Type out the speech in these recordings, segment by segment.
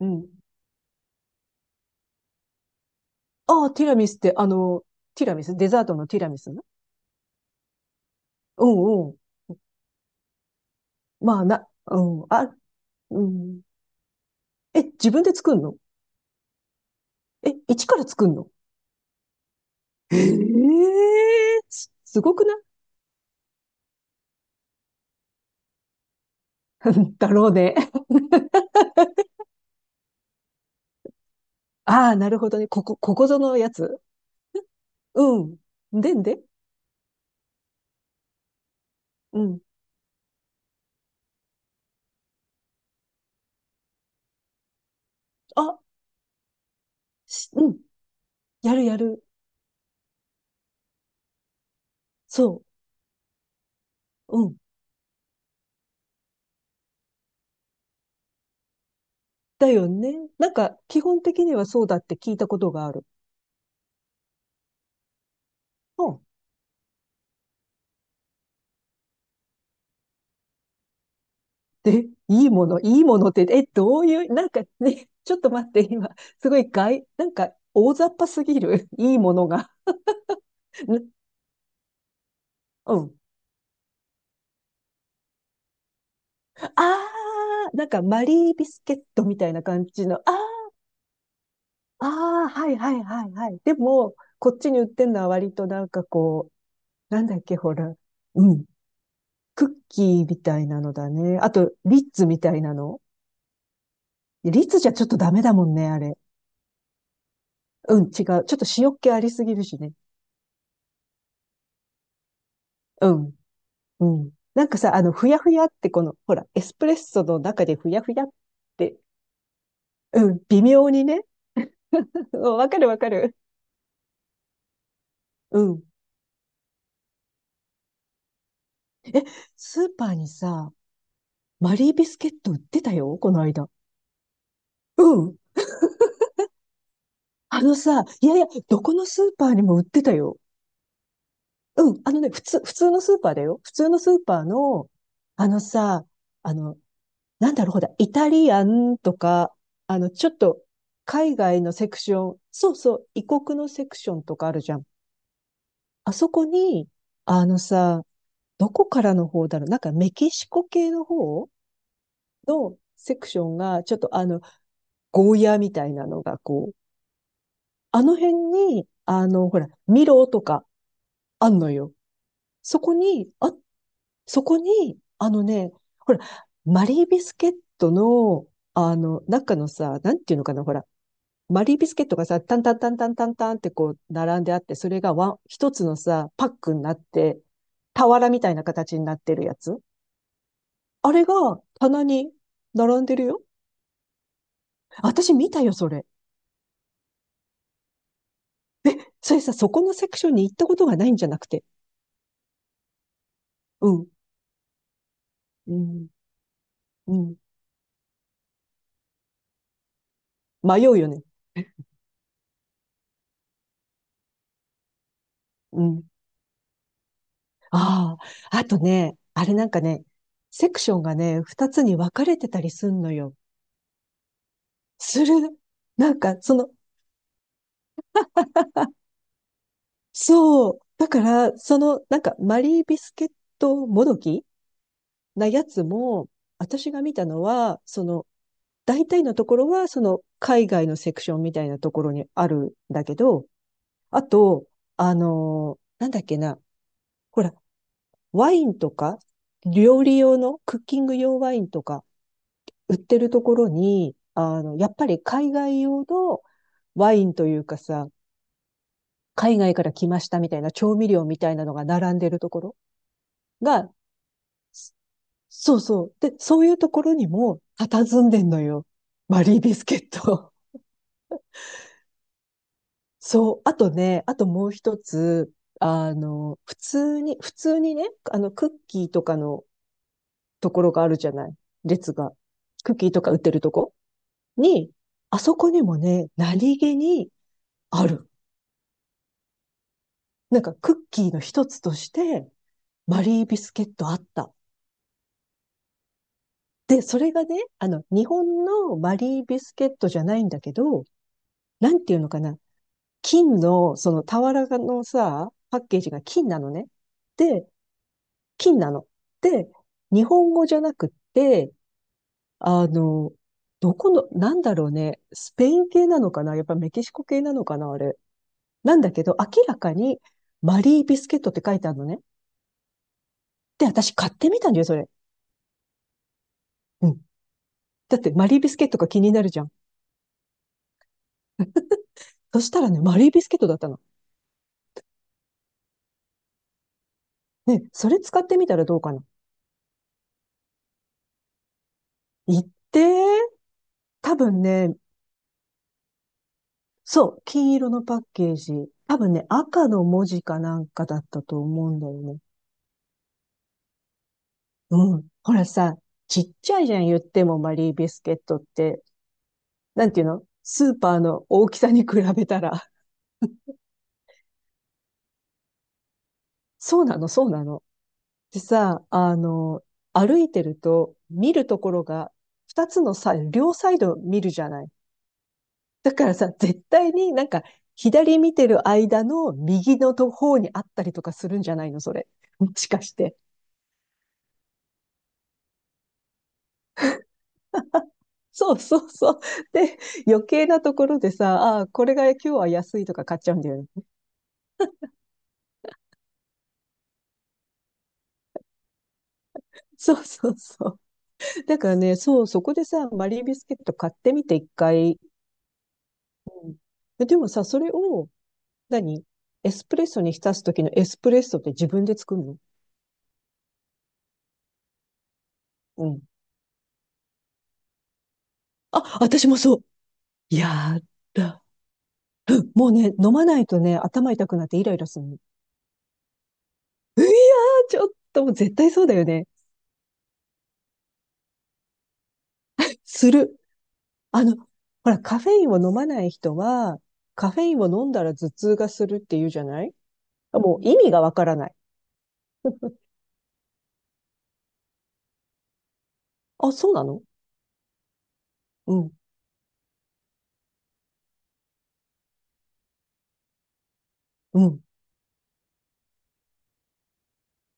うん。ああ、ティラミスって、ティラミスデザートのティラミスね。うんうん。まあ、うん。あ、うん。え、自分で作んの？え、一から作んの？ええー、すごくない？ だろうね。ああ、なるほどね。ここぞのやつ。うん。でんで、うん。あ、うん。やるやる。そう。うん。だよね。なんか、基本的にはそうだって聞いたことがある。うん。で、いいもの、いいものって、え、どういう、なんかね、ちょっと待って、今、すごいなんか大雑把すぎる、いいものが。んうん。あー、なんかマリービスケットみたいな感じの、ああー、はいはいはいはい。でも、こっちに売ってんのは割となんかこう、なんだっけ、ほら、うん、クッキーみたいなのだね。あと、リッツみたいなの。リッツじゃちょっとダメだもんね、あれ。うん、違う。ちょっと塩っ気ありすぎるしね。うん。うん。なんかさ、ふやふやってこの、ほら、エスプレッソの中でふやふやって、うん、微妙にね。うん、わかるわかる。うん。スーパーにさ、マリービスケット売ってたよ、この間。うん。あのさ、いやいや、どこのスーパーにも売ってたよ。うん。あのね、普通のスーパーだよ。普通のスーパーの、あのさ、あの、なんだろう、ほら、イタリアンとか、ちょっと、海外のセクション、そうそう、異国のセクションとかあるじゃん。あそこに、あのさ、どこからの方だろう、なんかメキシコ系の方のセクションが、ちょっとゴーヤーみたいなのがこう、あの辺に、ほら、ミロとかあんのよ。そこに、あ、そこに、あのね、ほら、マリービスケットの、あの、中のさ、なんていうのかな、ほら、マリービスケットがさ、タンタンタンタンタンタンってこう、並んであって、それが一つのさ、パックになって、俵みたいな形になってるやつ。あれが棚に並んでるよ。私見たよ、それ。それさ、そこのセクションに行ったことがないんじゃなくて。うん。うん。うん。迷うよね。うん。ああ。あとね、あれなんかね、セクションがね、二つに分かれてたりすんのよ。する。なんか、その、そう。だから、その、なんか、マリービスケットもどきなやつも、私が見たのは、その、大体のところは、その、海外のセクションみたいなところにあるんだけど、あと、あのー、なんだっけな、ほら、ワインとか、料理用の、クッキング用ワインとか、売ってるところに、あの、やっぱり海外用のワインというかさ、海外から来ましたみたいな調味料みたいなのが並んでるところが、そうそう。で、そういうところにも、佇んでんのよ。マリービスケット。そう。あとね、あともう一つ、普通にね、クッキーとかのところがあるじゃない。列が。クッキーとか売ってるとこに、あそこにもね、何気にある。なんかクッキーの一つとして、マリービスケットあった。で、それがね、あの、日本のマリービスケットじゃないんだけど、なんていうのかな。金の、その俵のさ、パッケージが金なのね。で、金なの。で、日本語じゃなくて、あの、どこの、なんだろうね、スペイン系なのかな、やっぱメキシコ系なのかな、あれ。なんだけど、明らかにマリービスケットって書いてあるのね。で、私買ってみたんだよ、それ。うん。だってマリービスケットが気になるじゃん。そしたらね、マリービスケットだったの。ね、それ使ってみたらどうかな。言ってー、多分ね、そう、金色のパッケージ。多分ね、赤の文字かなんかだったと思うんだよね。うん。ほらさ、ちっちゃいじゃん、言ってもマリービスケットって。なんていうの、スーパーの大きさに比べたら。そうなの、そうなの。でさ、あの、歩いてると見るところが二つのさ、両サイド見るじゃない。だからさ、絶対になんか左見てる間の右のと方にあったりとかするんじゃないの、それ。もしかして。そうそうそう。で、余計なところでさ、ああ、これが今日は安いとか買っちゃうんだよね。そうそうそう。だからね、そう、そこでさ、マリービスケット買ってみて一回。で、でもさ、それを、何、エスプレッソに浸す時のエスプレッソって自分で作るの？うん。あ、私もそう。やだ。うん、もうね、飲まないとね、頭痛くなってイライラするの。いやー、ちょっと、もう絶対そうだよね。する。あの、ほら、カフェインを飲まない人は、カフェインを飲んだら頭痛がするって言うじゃない。もう意味がわからない。あ、そうなの？うん。うん。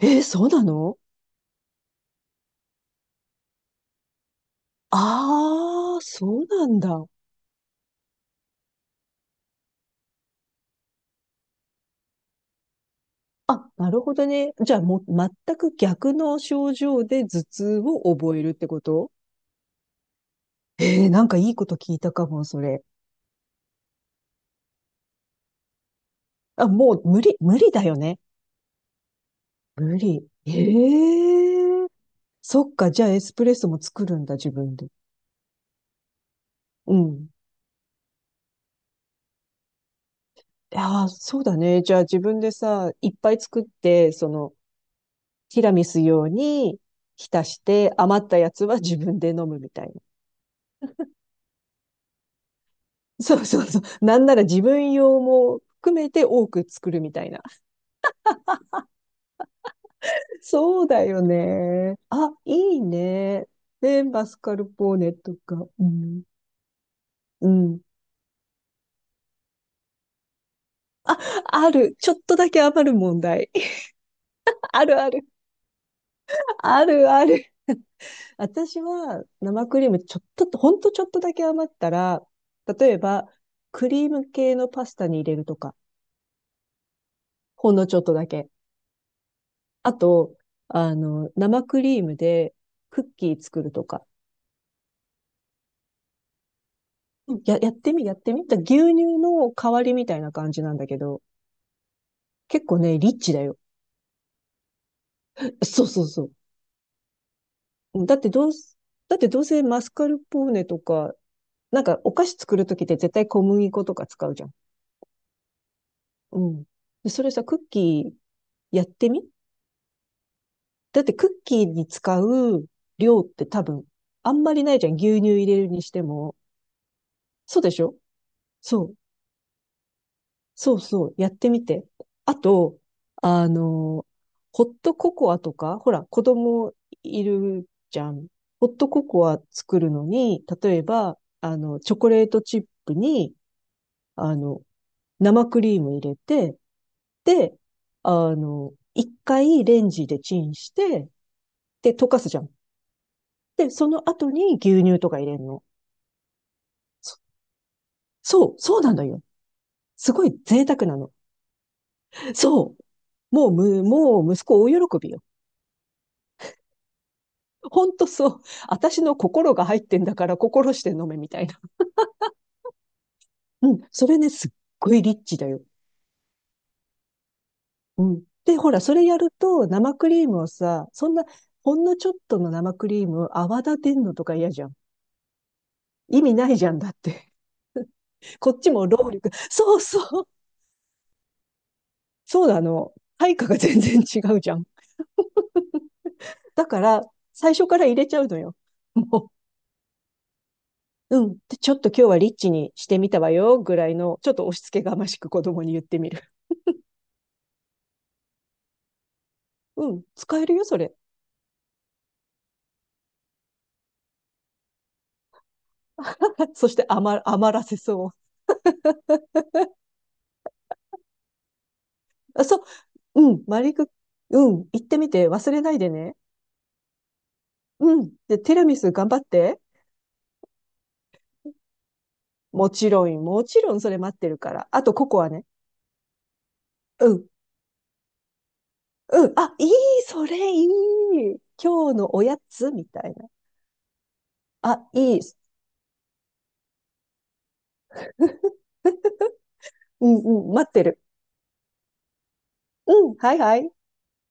えー、そうなの？ああ、そうなんだ。あ、なるほどね。じゃあもう全く逆の症状で頭痛を覚えるってこと？ええー、なんかいいこと聞いたかも、それ。あ、もう無理、無理だよね。無理。ええ、そっか、じゃあエスプレッソも作るんだ、自分で。うん。ああ、そうだね。じゃあ自分でさ、いっぱい作って、その、ティラミス用に浸して、余ったやつは自分で飲むみたいな。そうそうそう。なんなら自分用も含めて多く作るみたいな。そうだよね。あ、いいね。で、マスカルポーネとか。うん。うん。あ、ある。ちょっとだけ余る問題。あるある。あるある。私は生クリームちょっと、ほんとちょっとだけ余ったら、例えば、クリーム系のパスタに入れるとか。ほんのちょっとだけ。あと、生クリームでクッキー作るとか。やってみ。だ、牛乳の代わりみたいな感じなんだけど、結構ね、リッチだよ。そうそうそう。だってどうせマスカルポーネとか、なんかお菓子作るときって絶対小麦粉とか使うじゃん。うん。で、それさ、クッキーやってみ。だってクッキーに使う量って多分、あんまりないじゃん。牛乳入れるにしても。そうでしょ？そう。そうそう、やってみて。あと、あの、ホットココアとか、ほら、子供いるじゃん。ホットココア作るのに、例えば、あの、チョコレートチップに、あの、生クリーム入れて、で、あの、一回レンジでチンして、で、溶かすじゃん。で、その後に牛乳とか入れるの。そそう、そうなんだよ。すごい贅沢なの。そう。もう息子大喜びよ。ほんとそう。私の心が入ってんだから心して飲めみたいな。うん。それね、すっごいリッチだよ。うん。で、ほら、それやると生クリームをさ、そんな、ほんのちょっとの生クリームを泡立てんのとか嫌じゃん。意味ないじゃん、だって。こっちも労力。そうそう。そうだ、あの。配下が全然違うじゃん。だから、最初から入れちゃうのよ。もう、うん。で、ちょっと今日はリッチにしてみたわよ、ぐらいの、ちょっと押し付けがましく子供に言ってみる。うん。使えるよ、それ。そして余らせそう。あ、そう、うん、マリク、うん、行ってみて忘れないでね。うん。で、ティラミス頑張って。もちろん、もちろんそれ待ってるから。あと、ココアね。うん、うん。あ、いい、それいい。今日のおやつみたいな。あ、いい。うん、うん、待ってる。うん、はいはい。